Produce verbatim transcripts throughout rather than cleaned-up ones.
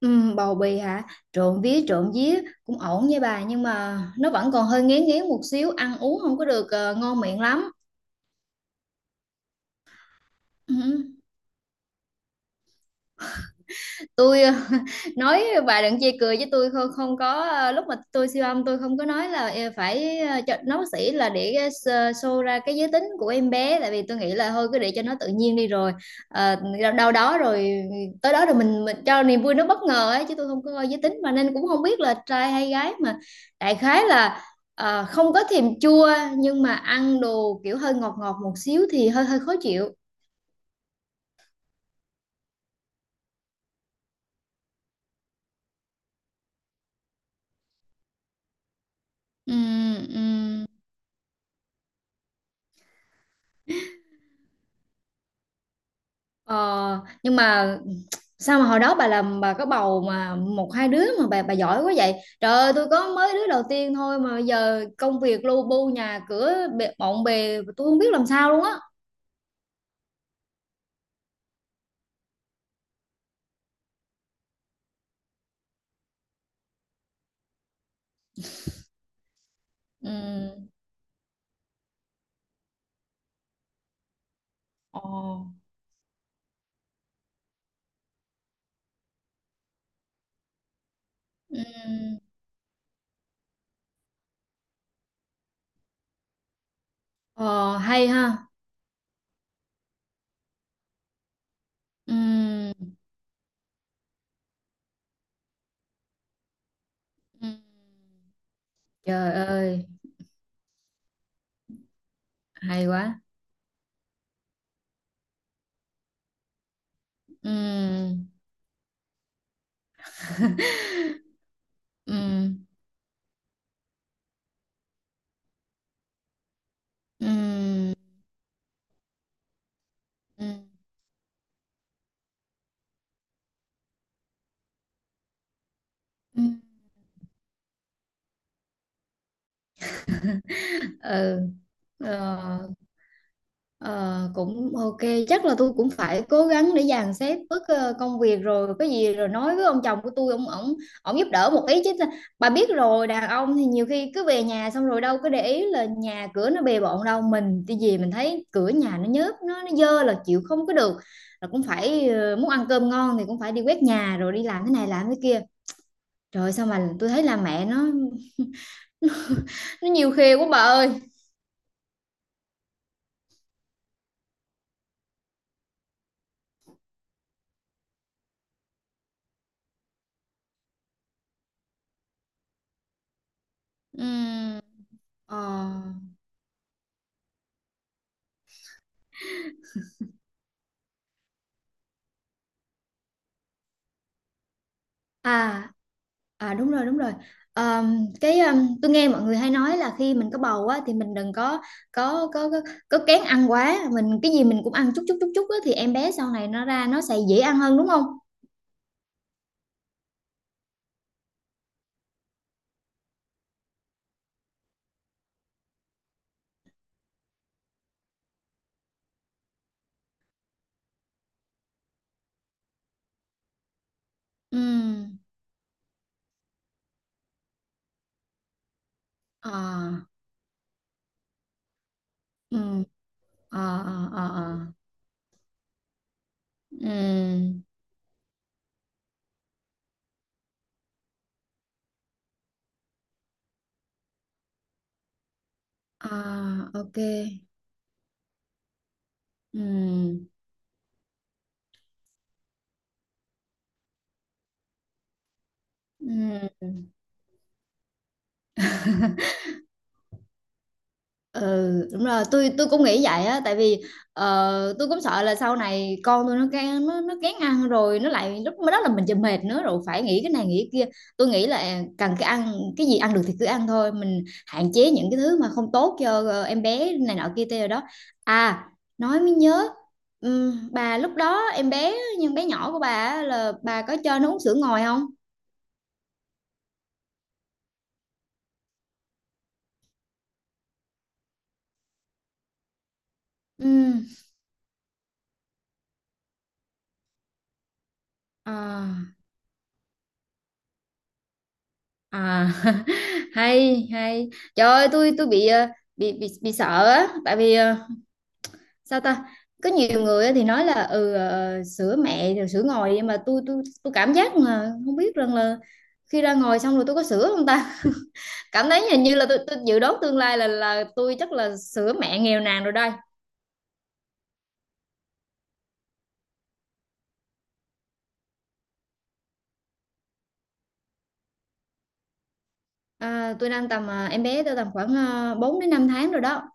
Ừ, bầu bì hả? Trộn vía trộn vía cũng ổn nha bà, nhưng mà nó vẫn còn hơi ngén ngén một xíu, ăn uống không có được ờ, ngon miệng lắm. Ừ. Tôi nói bà đừng chê cười với tôi, không không có, ờ, lúc mà tôi siêu âm tôi không có nói là, ờ, phải ờ, cho nó bác sĩ là để, ờ, s- ờ, show ra cái giới tính của em bé, tại vì tôi nghĩ là thôi cứ để cho nó tự nhiên đi, rồi Ờ, đâu đâu đó rồi ừ, tới đó rồi mình mình cho niềm vui nó bất ngờ ấy chứ, tôi không có coi giới tính mà nên cũng không biết là trai hay gái mà. Đại khái là ờ, không có thèm chua, nhưng mà ăn đồ kiểu hơi ngọt ngọt một xíu thì hơi hơi khó chịu. Ừ. Ừ. Ờ, nhưng mà sao mà hồi đó bà làm, bà có bầu mà một hai đứa mà bà bà giỏi quá vậy? Trời ơi, tôi có mới đứa đầu tiên thôi mà giờ công việc lu bu, nhà cửa bề- bộn bề, tôi không biết làm sao luôn á. Ừ. Ồ. Ừ. Ờ, hay ha. Ừ. Ừ. Trời ơi, hay quá. Ừ. Ừ. Ừ. Ừ. Ừ. Ừ. Ờ. Ờ, cũng ok. Chắc là tôi cũng phải cố gắng để dàn xếp bớt ờ, công việc rồi cái gì, rồi nói với ông chồng của tôi, ông ổng ổng giúp đỡ một ý chứ. Ta- bà biết rồi, đàn ông thì nhiều khi cứ về nhà xong rồi đâu có để ý là nhà cửa nó bề bộn đâu. Mình cái gì mình thấy cửa nhà nó nhớp, nó nó dơ là chịu không có được, là cũng phải ờ, muốn ăn cơm ngon thì cũng phải đi quét nhà rồi đi làm thế này làm thế kia. Trời ơi, sao mà tôi thấy là mẹ nó nó nhiều khê quá bà ơi. Ừm. Ờ. À, à đúng rồi, đúng rồi. Ờm, cái ờm, tôi nghe mọi người hay nói là khi mình có bầu á thì mình đừng có có có có, có kén ăn quá. Mình cái gì mình cũng ăn chút chút chút chút á thì em bé sau này nó ra nó sẽ dễ ăn hơn đúng không? Ừ. Ờ. Ừ. Ờ ờ ờ. Ờ. Ừ. À, ok. Ừ. Ừ. Ừ đúng rồi, tôi tôi cũng nghĩ vậy á, tại vì ờ, tôi cũng sợ là sau này con tôi nó kén, nó nó kén ăn rồi nó lại, lúc đó là mìnhจะmệt nữa rồi phải nghĩ cái này nghĩ cái kia. Tôi nghĩ là cần cái ăn cái gì ăn được thì cứ ăn thôi, mình hạn chế những cái thứ mà không tốt cho ờ, em bé này nọ kia tê rồi đó. À, nói mới nhớ, ừm, bà lúc đó em bé nhưng bé nhỏ của bà á, là bà có cho nó uống sữa ngoài không? Ừ. À. À, hay hay. Trời ơi, tôi tôi bị ờ, bị bị, bị sợ á, tại vì ờ, sao ta, có nhiều người á thì nói là ừ, ờ, sữa mẹ rồi sữa ngồi, nhưng mà tôi tôi tôi cảm giác mà không biết rằng là khi ra ngồi xong rồi tôi có sữa không ta. Cảm thấy hình như là tôi, tôi dự đoán tương lai là là tôi chắc là sữa mẹ nghèo nàn rồi đây. À, tôi đang tầm ờ, em bé tôi tầm khoảng ờ, bốn đến năm tháng rồi đó.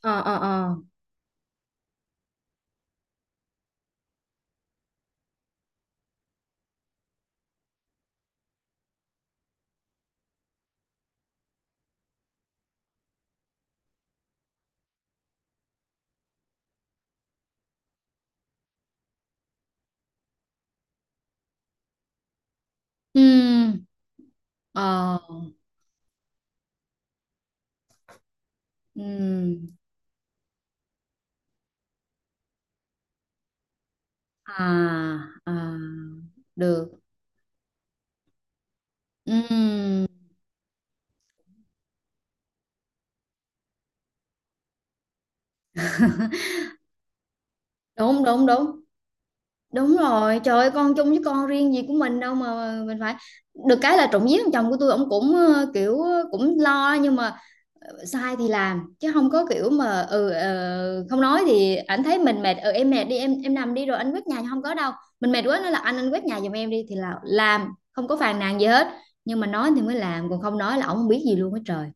Ờ ờ ờ. Ừ. Ờ. Ừ. À. À. Được. Ừm. Đúng đúng đúng, đúng rồi, trời ơi, con chung với con riêng gì của mình đâu mà mình phải. Được cái là trộm vía thằng chồng của tôi ông cũng ờ, kiểu ờ, cũng lo, nhưng mà ờ, sai thì làm chứ không có kiểu mà ừ, ờ, không nói thì ảnh thấy mình mệt, ừ em mệt đi em em nằm đi rồi anh quét nhà, không có đâu. Mình mệt quá nói là anh anh quét nhà giùm em đi thì là làm, không có phàn nàn gì hết, nhưng mà nói thì mới làm, còn không nói là ổng không biết gì luôn á trời.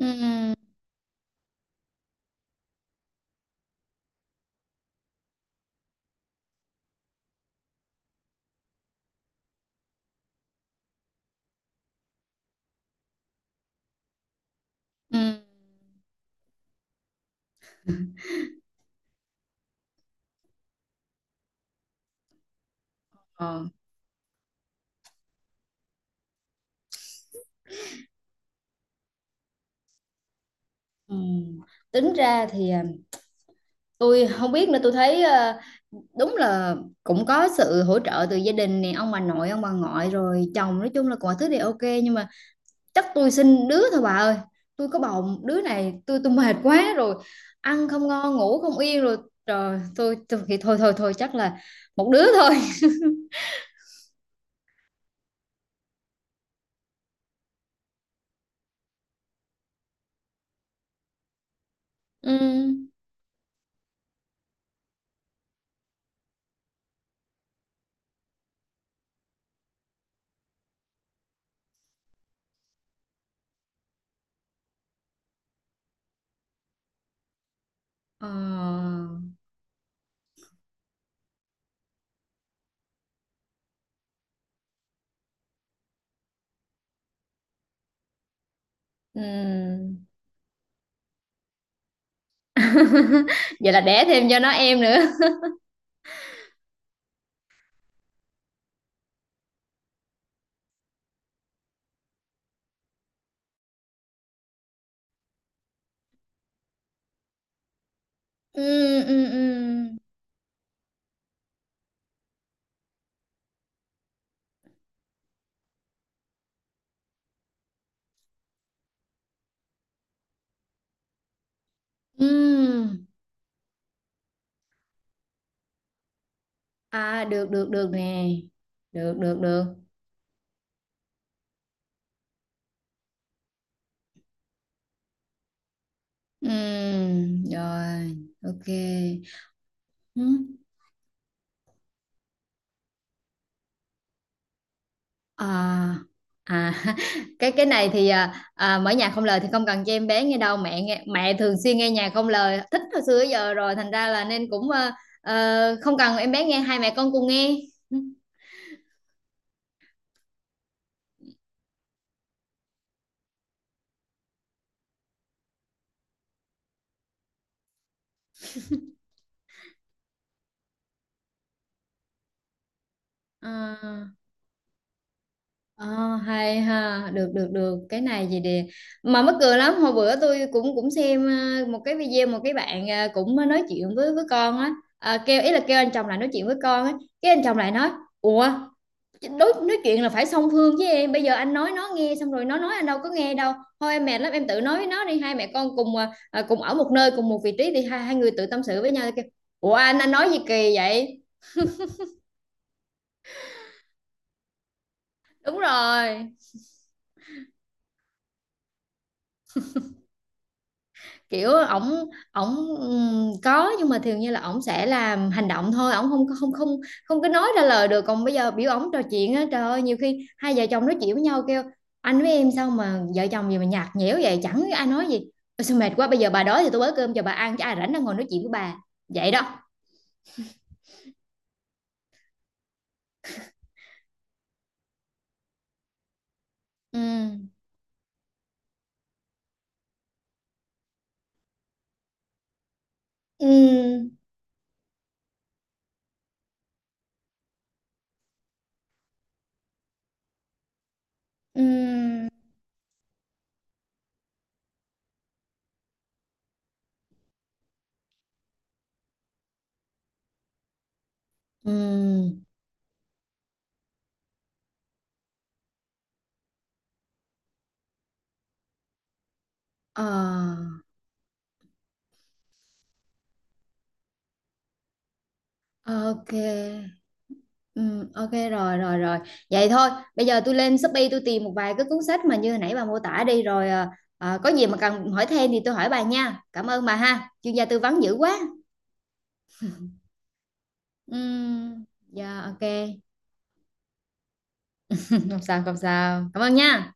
Ừm. Ừm. Ờ. Ừm. Tính ra thì à, tôi không biết nữa, tôi thấy ờ, đúng là cũng có sự hỗ trợ từ gia đình này, ông bà nội ông bà ngoại rồi chồng, nói chung là mọi thứ đều ok, nhưng mà chắc tôi sinh đứa thôi bà ơi. Tôi có bầu một đứa này tôi tôi mệt quá rồi, ăn không ngon ngủ không yên rồi, trời. Tôi, tôi thì thôi thôi thôi, chắc là một đứa thôi. Ừ. Ờ. Ừ. Vậy là đẻ thêm cho nó em nữa. Ừ. Ừ. Ừ. Ừ. À, được được được nè. Được được được. Ừm, rồi, ok. Ừm. À, à cái cái này thì à, à, mở nhạc không lời thì không cần cho em bé nghe đâu, mẹ nghe, mẹ thường xuyên nghe nhạc không lời, thích hồi xưa tới giờ rồi, thành ra là nên cũng ờ, ờ, không cần em bé nghe, hai mẹ con cùng nghe. Ừm. À. Ờ, hay ha, được được được, cái này gì đi. Mà mắc cười lắm, hồi bữa tôi cũng cũng xem ờ, một cái video, một cái bạn ờ, cũng nói chuyện với với con á. À, kêu ý là kêu anh chồng lại nói chuyện với con á. Cái anh chồng lại nói ủa, đối nói chuyện là phải song phương với em, bây giờ anh nói nó nghe xong rồi nó nói anh đâu có nghe đâu, thôi em mệt lắm, em tự nói với nó đi, hai mẹ con cùng ờ, ờ, cùng ở một nơi cùng một vị trí thì hai hai người tự tâm sự với nhau. Kêu ủa anh anh nói gì kỳ vậy. Đúng rồi, kiểu ổng ổng ừm, có, nhưng mà thường như là ổng sẽ làm hành động thôi, ổng không không không không có nói ra lời được. Còn bây giờ biểu ổng trò chuyện á, trời ơi, nhiều khi hai vợ chồng nói chuyện với nhau kêu anh với em sao mà vợ chồng gì mà nhạt nhẽo vậy, chẳng ai nói gì. Ôi, sao mệt quá, bây giờ bà đói thì tôi bới cơm cho bà ăn chứ ai rảnh đang ngồi nói chuyện với bà. Vậy đó. Ừ. Ừ. Ừ. Ừ. Ờ, ok. Ừ, ok rồi rồi rồi, vậy thôi. Bây giờ tôi lên Shopee tôi tìm một vài cái cuốn sách mà như hồi nãy bà mô tả đi, rồi à, à, có gì mà cần hỏi thêm thì tôi hỏi bà nha. Cảm ơn bà ha, chuyên gia tư vấn dữ quá. Ừ, dạ ok. Không sao không sao, cảm ơn nha.